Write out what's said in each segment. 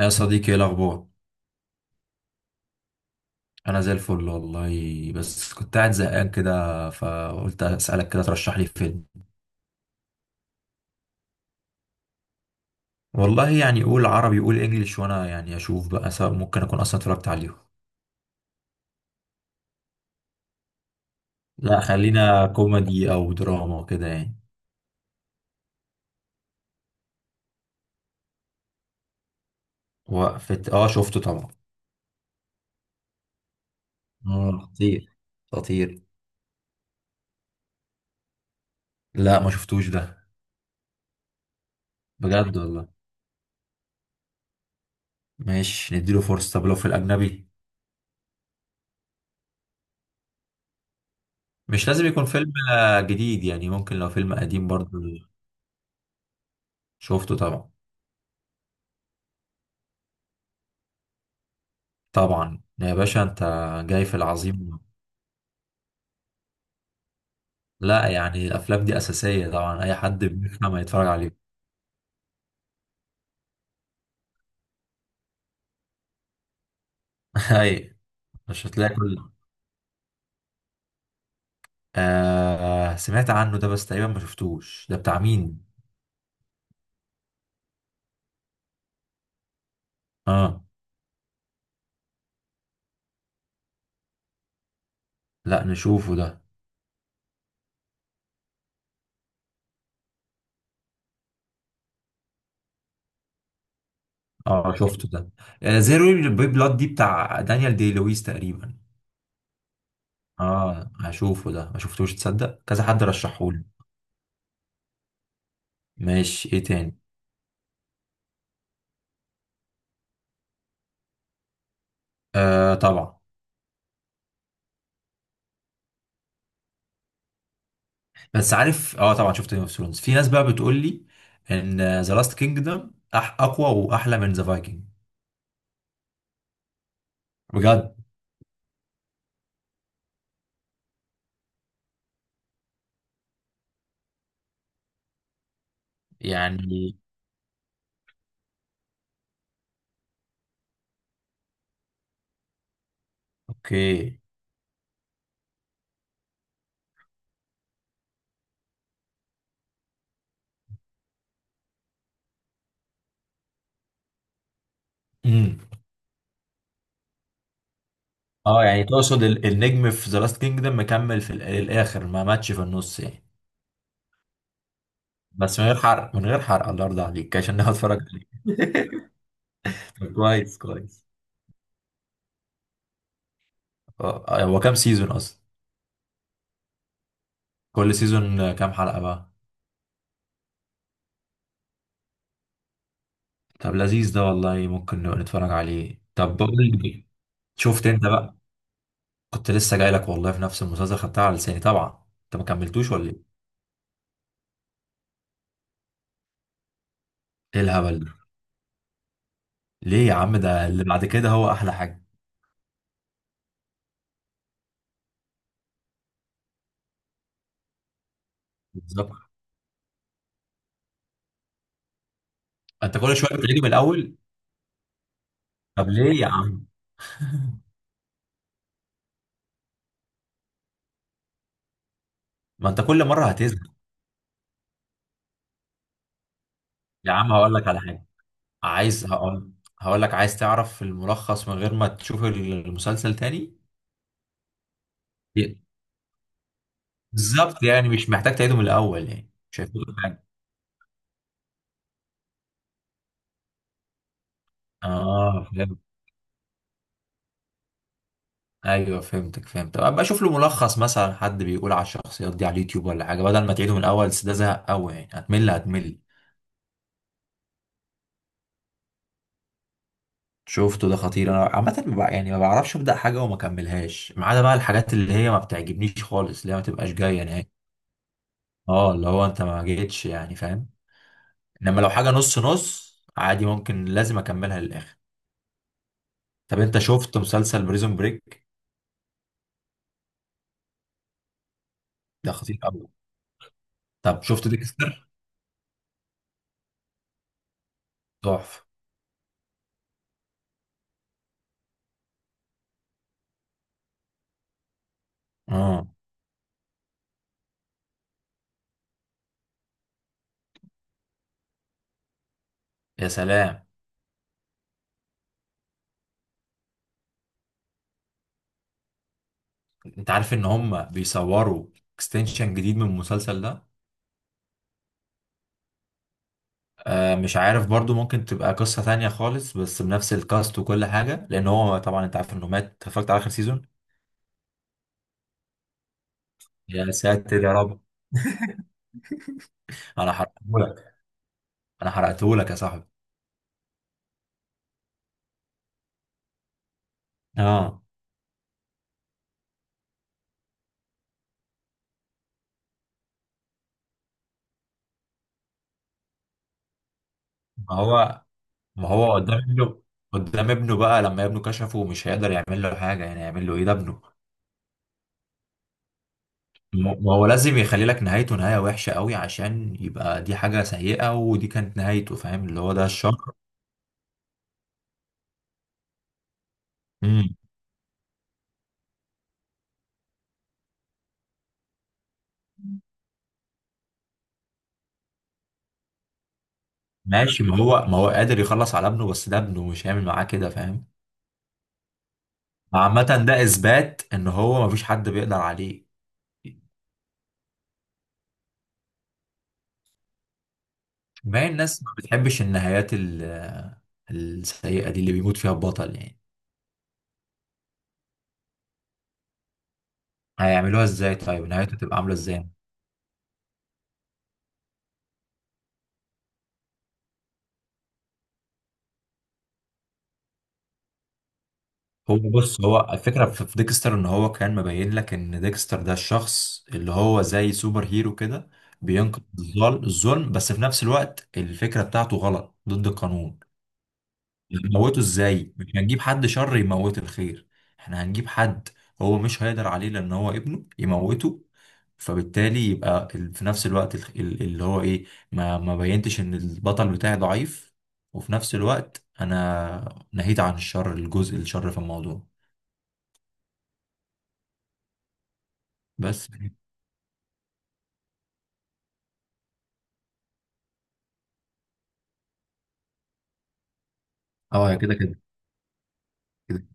يا صديقي، ايه الاخبار؟ انا زي الفل والله، بس كنت قاعد زهقان كده فقلت اسالك كده ترشح لي فيلم. والله يعني قول عربي قول انجليش، وانا يعني اشوف بقى، سواء ممكن اكون اصلا اتفرجت عليهم. لا، خلينا كوميدي او دراما كده يعني. وقفة، اه شفته طبعا. اه، خطير. خطير. لا، ما شفتوش ده. بجد والله؟ ماشي، نديله فرصة. طب لو في الاجنبي؟ مش لازم يكون فيلم جديد، يعني ممكن لو فيلم قديم برضه. شفته طبعا. طبعا يا باشا انت. جاي في العظيم. لا يعني، الافلام دي اساسيه طبعا، اي حد بيفهم هيتفرج عليه. اي. مش هتلاقي كل. آه، سمعت عنه ده بس تقريبا ما شفتوش. ده بتاع مين؟ اه. لا، نشوفه ده. اه، شفته ده. آه، زيرو بي بلاد دي بتاع دانيال دي لويس تقريبا. اه، هشوفه ده. ما شفتوش. تصدق كذا حد رشحهولي؟ ماشي، ايه تاني؟ آه، طبعا. بس عارف، اه طبعا شفت جيم اوف ثرونز. في ناس بقى بتقول لي ان ذا لاست كينجدم اقوى واحلى من ذا فايكنج. بجد؟ يعني. اوكي. امم. اه يعني تقصد النجم في ذا لاست كينجدم مكمل في الاخر، ما ماتش في النص يعني. بس من غير حرق، من غير حرق، الله يرضى عليك عشان ناخد اتفرج عليك. طب كويس كويس. اه. هو كام سيزون اصلا؟ كل سيزون كام حلقة بقى؟ طب لذيذ ده والله، ممكن نبقى نتفرج عليه. طب بقول لي، شفت انت بقى؟ كنت لسه جاي لك والله في نفس المسلسل، خدتها على لساني. طبعا انت ما كملتوش ولا ايه؟ ايه الهبل ده؟ ليه يا عم؟ ده اللي بعد كده هو احلى حاجه. بالظبط. انت كل شويه بتعيده من الاول؟ طب ليه يا عم؟ ما انت كل مره هتزهق. يا عم، هقول لك على حاجه. هقول. هقول لك، عايز تعرف الملخص من غير ما تشوف المسلسل تاني؟ بالظبط يعني، مش محتاج تعيده من الاول، يعني مش هيفوتك حاجه. اه. ايوه، فهمتك فهمت. طب ابقى اشوف له ملخص مثلا، حد بيقول على الشخصيات دي على اليوتيوب ولا حاجه بدل ما تعيده من الاول، بس ده زهق قوي يعني، هتمل هتمل. شفته ده، خطير. انا عامه ما بع- يعني ما بعرفش ابدا حاجه وما اكملهاش، ما عدا بقى الحاجات اللي هي ما بتعجبنيش خالص، اللي هي ما تبقاش جايه نهائي. اه، اللي هو انت ما جيتش يعني، فاهم. انما لو حاجه نص نص عادي، ممكن لازم اكملها للاخر. طب انت شفت مسلسل بريزون بريك؟ ده خطير قوي. طب شفت ديكستر؟ تحفه. اه. يا سلام. انت عارف ان هم بيصوروا اكستنشن جديد من المسلسل ده؟ آه، مش عارف برضو، ممكن تبقى قصة تانية خالص بس بنفس الكاست وكل حاجة، لان هو طبعا انت عارف انه مات. اتفرجت على اخر سيزون. يا ساتر يا رب. انا حرقتهولك. انا حرقتهولك يا صاحبي. اه، ما هو ما هو قدام ابنه. قدام ابنه بقى، لما ابنه كشفه مش هيقدر يعمل له حاجة. يعني يعمل له ايه؟ ده ابنه. ما هو لازم يخلي لك نهايته، نهاية وحشة قوي، عشان يبقى دي حاجة سيئة ودي كانت نهايته. فاهم اللي هو ده الشر؟ ماشي، ما هو قادر يخلص على ابنه، بس ده ابنه مش هيعمل معاه كده، فاهم. عامة ده إثبات إن هو مفيش حد بيقدر عليه. ما هي الناس ما بتحبش النهايات السيئة دي، اللي بيموت فيها البطل يعني. هيعملوها إزاي؟ طيب نهايته تبقى عاملة إزاي؟ هو بص، هو الفكرة في ديكستر إن هو كان مبين لك إن ديكستر ده الشخص اللي هو زي سوبر هيرو كده. بينقذ الظلم، بس في نفس الوقت الفكرة بتاعته غلط ضد القانون. هنموته ازاي؟ مش هنجيب حد شر يموت الخير. احنا هنجيب حد. هو مش هيقدر عليه لان هو ابنه يموته. فبالتالي يبقى في نفس الوقت اللي هو ايه. ما بينتش ان البطل بتاعي ضعيف. وفي نفس الوقت انا نهيت عن الشر، الجزء الشر في الموضوع. بس. اه يا، كده كده كده.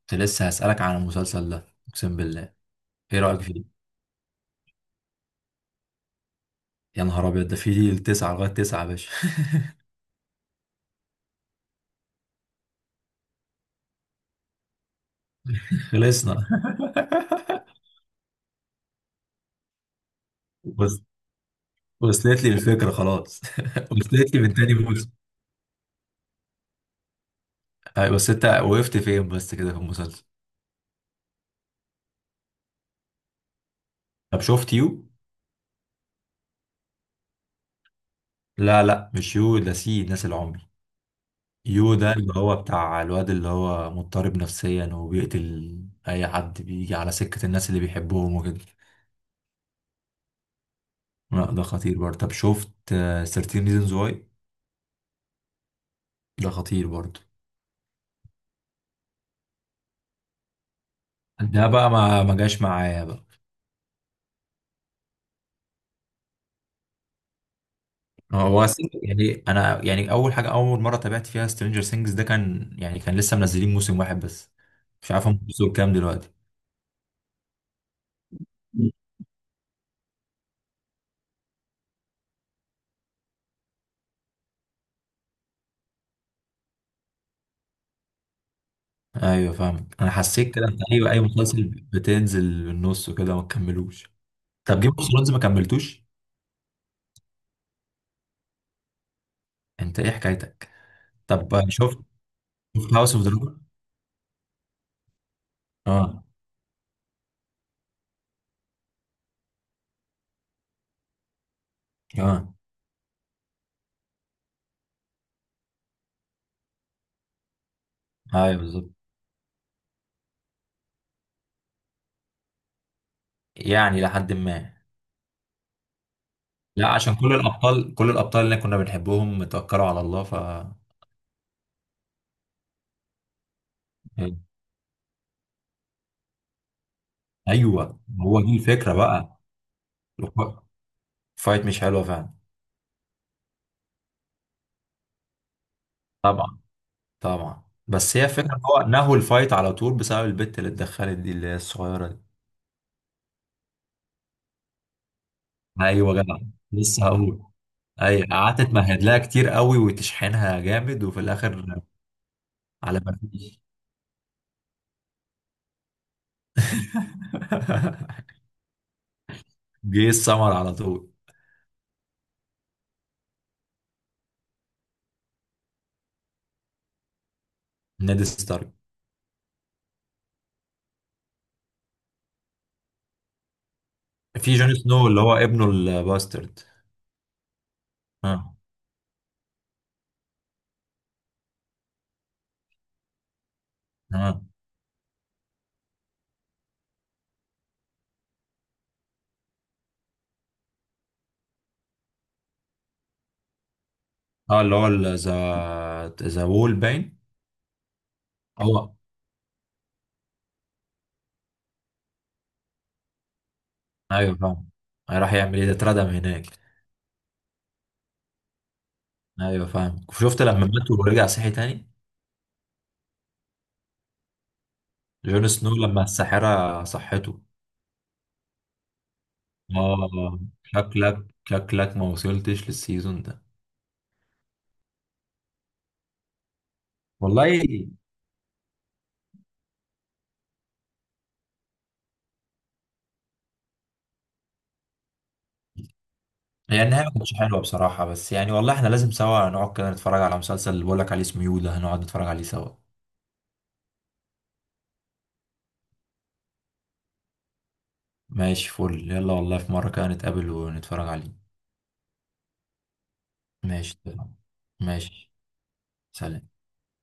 كنت لسه هسألك عن المسلسل ده اقسم بالله. ايه رأيك فيه؟ يا نهار ابيض، ده فيه تسعة لغاية تسعة يا باشا. خلصنا. بس. وصلت لي الفكرة خلاص، وصلت لي من تاني موسم. أيوة، بس انت وقفت فين بس كده في المسلسل؟ طب شفت يو؟ لا، لا، مش يو ده سي ناس العمي. يو ده اللي هو بتاع الواد اللي هو مضطرب نفسيا وبيقتل اي حد بيجي على سكة الناس اللي بيحبهم وكده. لا ده خطير برضه. طب شفت 13 ريزونز واي؟ ده خطير برضه. ده بقى ما جاش معايا بقى. هو يعني انا يعني اول مره تابعت فيها سترينجر سينجز ده، كان لسه منزلين موسم واحد بس. مش عارف هم وصلوا كام دلوقتي. ايوه، فاهمك. انا حسيت كده انت، ايوه، اي مسلسل بتنزل بالنص وكده ما تكملوش. طب جيم اوف ثرونز ما كملتوش؟ انت ايه حكايتك؟ طب شفت هاوس اوف دراجون؟ اه، اه. ايوه بالظبط. يعني لحد ما. لا عشان كل الابطال، كل الابطال اللي كنا بنحبهم اتوكلوا على الله، إيه، ايوه هو دي الفكره. بقى. فايت مش حلوه فعلا. طبعا. طبعا، بس هي فكره، هو نهوا الفايت على طول بسبب البت اللي اتدخلت دي، اللي هي الصغيره دي. ايوه جدع. لسه هقول. ايوه، قعدت تمهد لها كتير قوي وتشحنها جامد، وفي الاخر على ما فيش. جه السمر على طول. نيد ستارك. في جون سنو اللي هو ابنه الباسترد. اه، اه، اه، اللي هو ذا وول باين. هو. ايوه فاهم. راح يعمل ايه؟ ده اتردم هناك. ايوه فاهم. شفت لما مات ورجع صحي تاني؟ جون سنو لما الساحرة صحته. اه، شكلك ما وصلتش للسيزون ده. والله. هي النهاية ما كانتش حلوة بصراحة، بس يعني والله احنا لازم سوا نقعد كده نتفرج على مسلسل اللي بقولك عليه اسمه يو ده، هنقعد نتفرج عليه سوا. ماشي، فل، يلا والله في مرة كده نتقابل ونتفرج عليه. ماشي تمام. ماشي. سلام.